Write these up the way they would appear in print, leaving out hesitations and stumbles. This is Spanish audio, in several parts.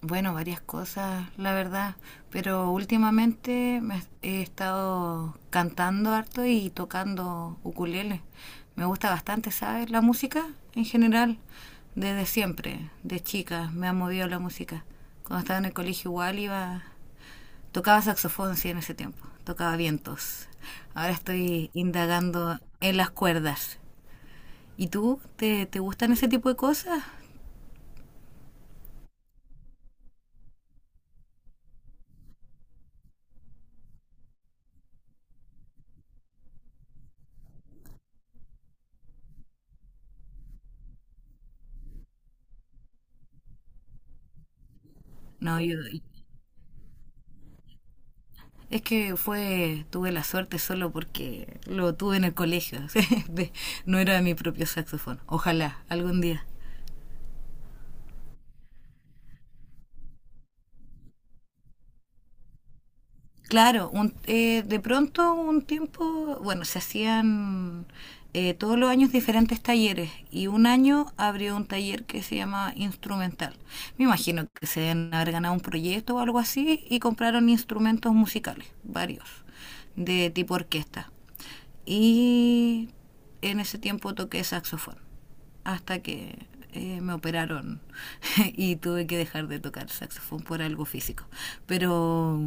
Bueno, varias cosas, la verdad, pero últimamente he estado cantando harto y tocando ukulele. Me gusta bastante, ¿sabes? La música en general, desde siempre, de chica, me ha movido la música. Cuando estaba en el colegio igual iba, tocaba saxofón, sí, en ese tiempo, tocaba vientos. Ahora estoy indagando en las cuerdas. ¿Y tú? ¿Te gustan ese tipo de cosas? No, yo, es que fue, tuve la suerte solo porque lo tuve en el colegio. No era mi propio saxofón. Ojalá, algún día. Claro, de pronto un tiempo, bueno, se hacían todos los años diferentes talleres y un año abrió un taller que se llama instrumental. Me imagino que se deben haber ganado un proyecto o algo así y compraron instrumentos musicales, varios, de tipo orquesta. Y en ese tiempo toqué saxofón, hasta que me operaron y tuve que dejar de tocar saxofón por algo físico. Pero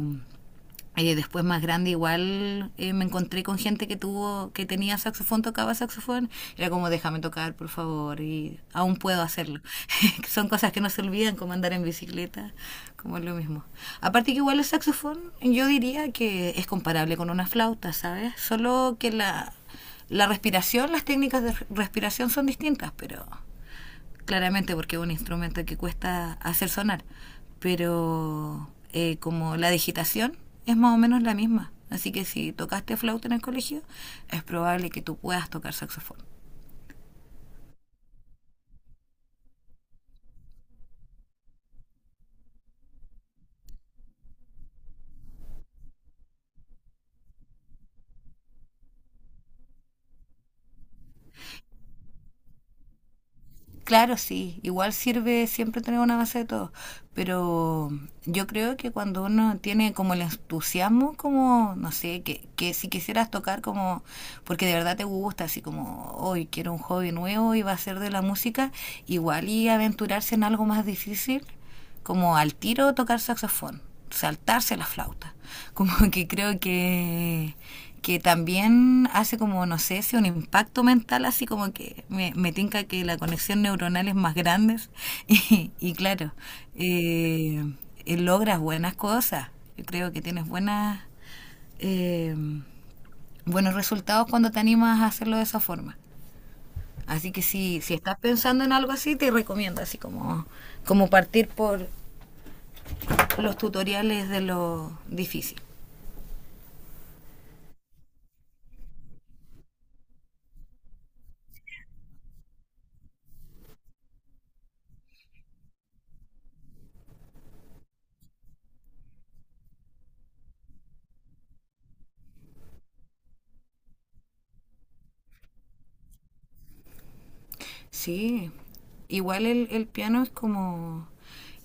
después más grande, igual me encontré con gente que tuvo que tenía saxofón, tocaba saxofón, era como déjame tocar por favor, y aún puedo hacerlo. Son cosas que no se olvidan, como andar en bicicleta, como es lo mismo. Aparte que igual el saxofón, yo diría que es comparable con una flauta, sabes, solo que la respiración, las técnicas de respiración son distintas, pero claramente porque es un instrumento que cuesta hacer sonar, pero como la digitación es más o menos la misma. Así que si tocaste flauta en el colegio, es probable que tú puedas tocar saxofón. Claro, sí, igual sirve siempre tener una base de todo, pero yo creo que cuando uno tiene como el entusiasmo, como, no sé, que si quisieras tocar como, porque de verdad te gusta, así como, hoy quiero un hobby nuevo y va a ser de la música, igual y aventurarse en algo más difícil, como al tiro tocar saxofón, saltarse la flauta. Como que creo que también hace como, no sé, si un impacto mental, así como que me tinca que la conexión neuronal es más grande. Y, y claro, eh, logras buenas cosas. Yo creo que tienes buenas, eh, buenos resultados cuando te animas a hacerlo de esa forma. Así que si estás pensando en algo así, te recomiendo así como, como partir por los tutoriales de lo difícil. Sí, igual el piano es como,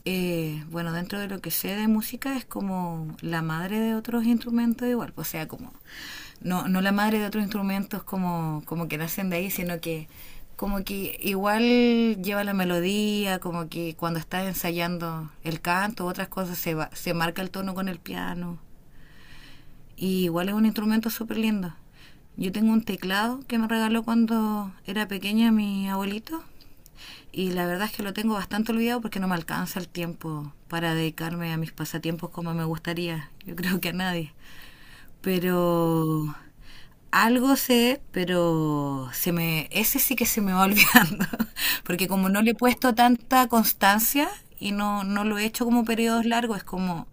bueno, dentro de lo que sé de música, es como la madre de otros instrumentos igual, o sea, como, no, no la madre de otros instrumentos como, como que nacen de ahí, sino que como que igual lleva la melodía, como que cuando estás ensayando el canto, otras cosas, se, va, se marca el tono con el piano. Y igual es un instrumento súper lindo. Yo tengo un teclado que me regaló cuando era pequeña mi abuelito, y la verdad es que lo tengo bastante olvidado porque no me alcanza el tiempo para dedicarme a mis pasatiempos como me gustaría, yo creo que a nadie. Pero algo sé, pero se me, ese sí que se me va olvidando, porque como no le he puesto tanta constancia y no, no lo he hecho como periodos largos, es como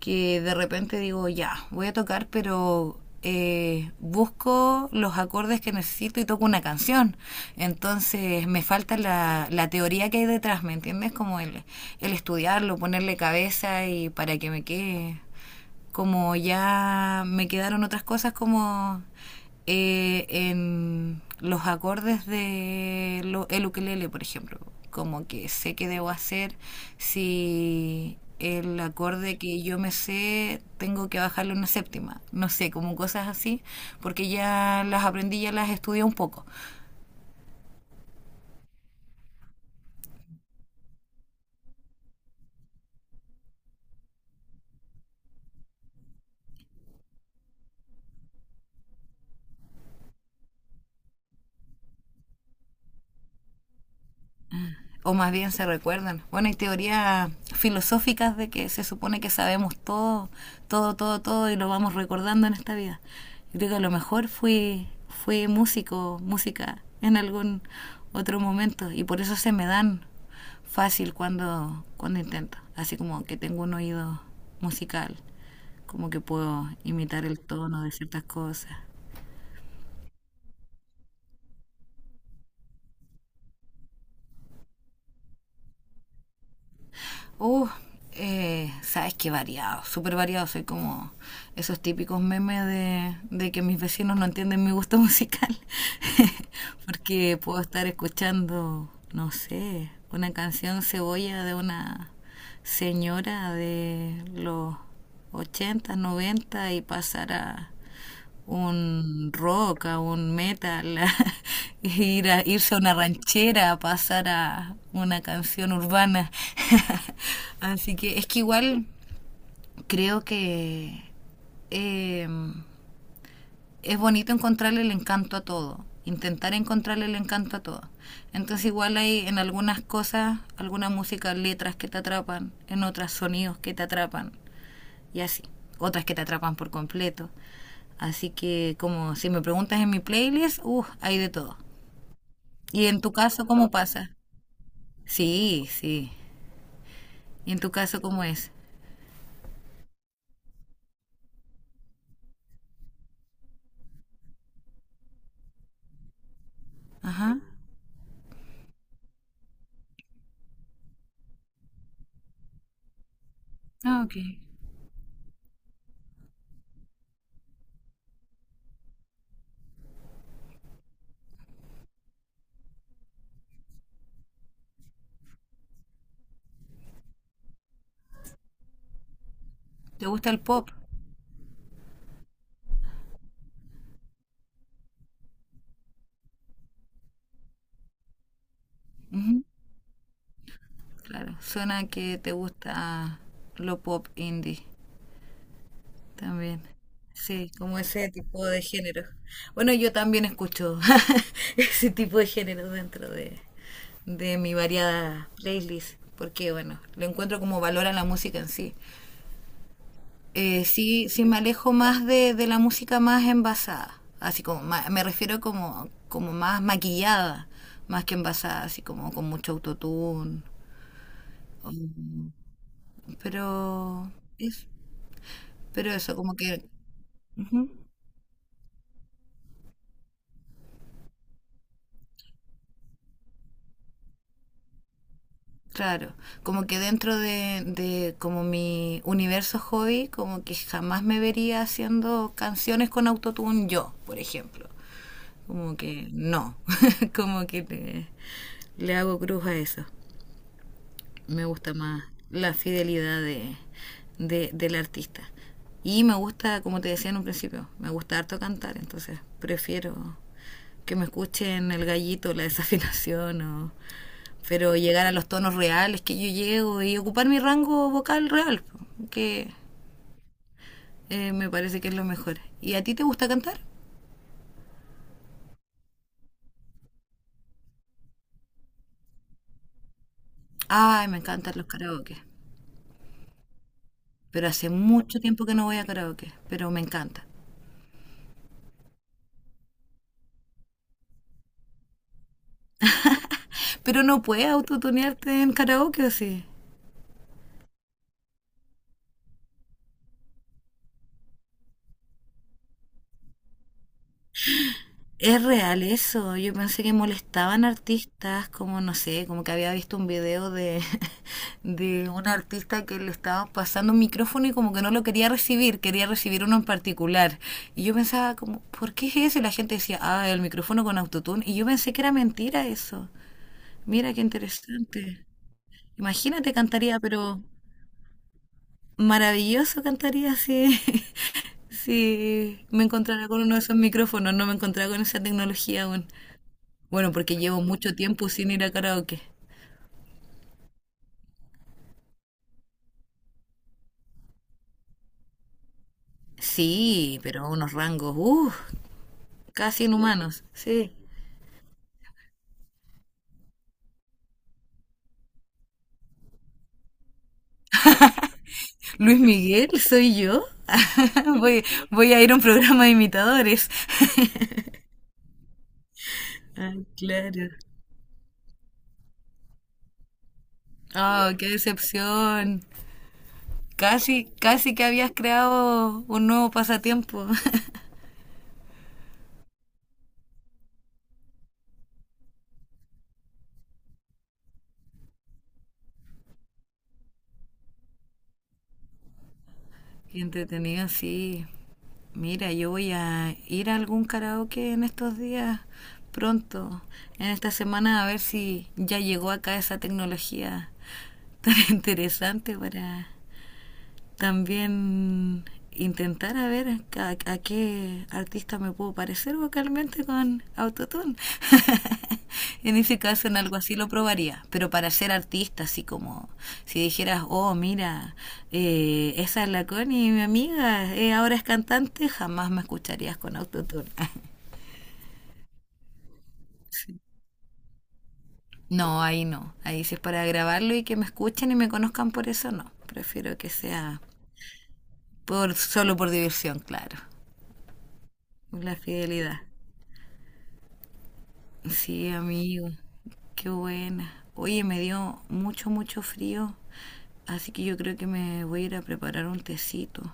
que de repente digo, ya, voy a tocar, pero busco los acordes que necesito y toco una canción. Entonces me falta la teoría que hay detrás, ¿me entiendes? Como el estudiarlo, ponerle cabeza y para que me quede como ya me quedaron otras cosas como en los acordes de lo, el ukelele, por ejemplo. Como que sé que debo hacer si el acorde que yo me sé tengo que bajarle una séptima. No sé, como cosas así, porque ya las aprendí, ya las estudié un poco. O más bien se recuerdan. Bueno, hay teorías filosóficas de que se supone que sabemos todo, todo, todo, todo, y lo vamos recordando en esta vida. Yo creo que a lo mejor fui músico, música en algún otro momento, y por eso se me dan fácil cuando intento. Así como que tengo un oído musical, como que puedo imitar el tono de ciertas cosas. Uh, sabes que variado, súper variado. Soy como esos típicos memes de que mis vecinos no entienden mi gusto musical. Porque puedo estar escuchando, no sé, una canción cebolla de una señora de los ochenta, noventa, y pasar a un rock, a un metal, a ir a, irse a una ranchera, a pasar a una canción urbana. Así que es que igual creo que eh, es bonito encontrarle el encanto a todo, intentar encontrarle el encanto a todo. Entonces igual hay en algunas cosas, alguna música, letras que te atrapan, en otras sonidos que te atrapan, y así. Otras que te atrapan por completo. Así que como si me preguntas en mi playlist, hay de todo. ¿Y en tu caso cómo pasa? Sí, sí. ¿Y en tu caso cómo es? Ajá. Ah, ok. ¿Te gusta el pop? Ujú. Claro. Suena que te gusta lo pop indie. También. Sí, como ese tipo de género. Bueno, yo también escucho ese tipo de género dentro de mi variada playlist, porque bueno, lo encuentro como valor a la música en sí. Sí, sí me alejo más de la música más envasada, así como me refiero como, como más maquillada, más que envasada, así como con mucho autotune. o- Pero es, pero eso, como que ujú. Claro, como que dentro de como mi universo hobby, como que jamás me vería haciendo canciones con autotune yo, por ejemplo. Como que no, como que le hago cruz a eso. Me gusta más la fidelidad de- del artista. Y me gusta, como te decía en un principio, me gusta harto cantar, entonces prefiero que me escuchen el gallito, la desafinación o, pero llegar a los tonos reales que yo llego y ocupar mi rango vocal real, que me parece que es lo mejor. ¿Y a ti te gusta cantar? Ay, me encantan los karaoke. Pero hace mucho tiempo que no voy a karaoke, pero me encanta. Pero no puedes autotunearte en karaoke, ¿o sí? Es real eso. Yo pensé que molestaban artistas, como no sé, como que había visto un video de, de un artista que le estaba pasando un micrófono y como que no lo quería recibir uno en particular. Y yo pensaba como, ¿por qué es eso? Y la gente decía, ah, el micrófono con autotune. Y yo pensé que era mentira eso. Mira qué interesante. Imagínate, cantaría, pero maravilloso cantaría si, si me encontrara con uno de esos micrófonos. No me encontraba con esa tecnología aún. Bueno, porque llevo mucho tiempo sin ir a karaoke. Sí, pero a unos rangos, casi inhumanos. Sí. Luis Miguel, soy yo. Voy, voy a ir a un programa de imitadores. Ah, claro. Oh, qué decepción. Casi, casi que habías creado un nuevo pasatiempo. Qué entretenido, sí. Mira, yo voy a ir a algún karaoke en estos días pronto, en esta semana, a ver si ya llegó acá esa tecnología tan interesante para también intentar a ver a, qué artista me puedo parecer vocalmente con autotune. En ese caso, en algo así lo probaría. Pero para ser artista, así como si dijeras, oh, mira, esa es la Connie, mi amiga, ahora es cantante, jamás me escucharías con autotune. Sí. No, ahí no. Ahí si es para grabarlo y que me escuchen y me conozcan por eso, no. Prefiero que sea por, solo por diversión, claro. La fidelidad. Sí, amigo, qué buena. Oye, me dio mucho, mucho frío, así que yo creo que me voy a ir a preparar un tecito.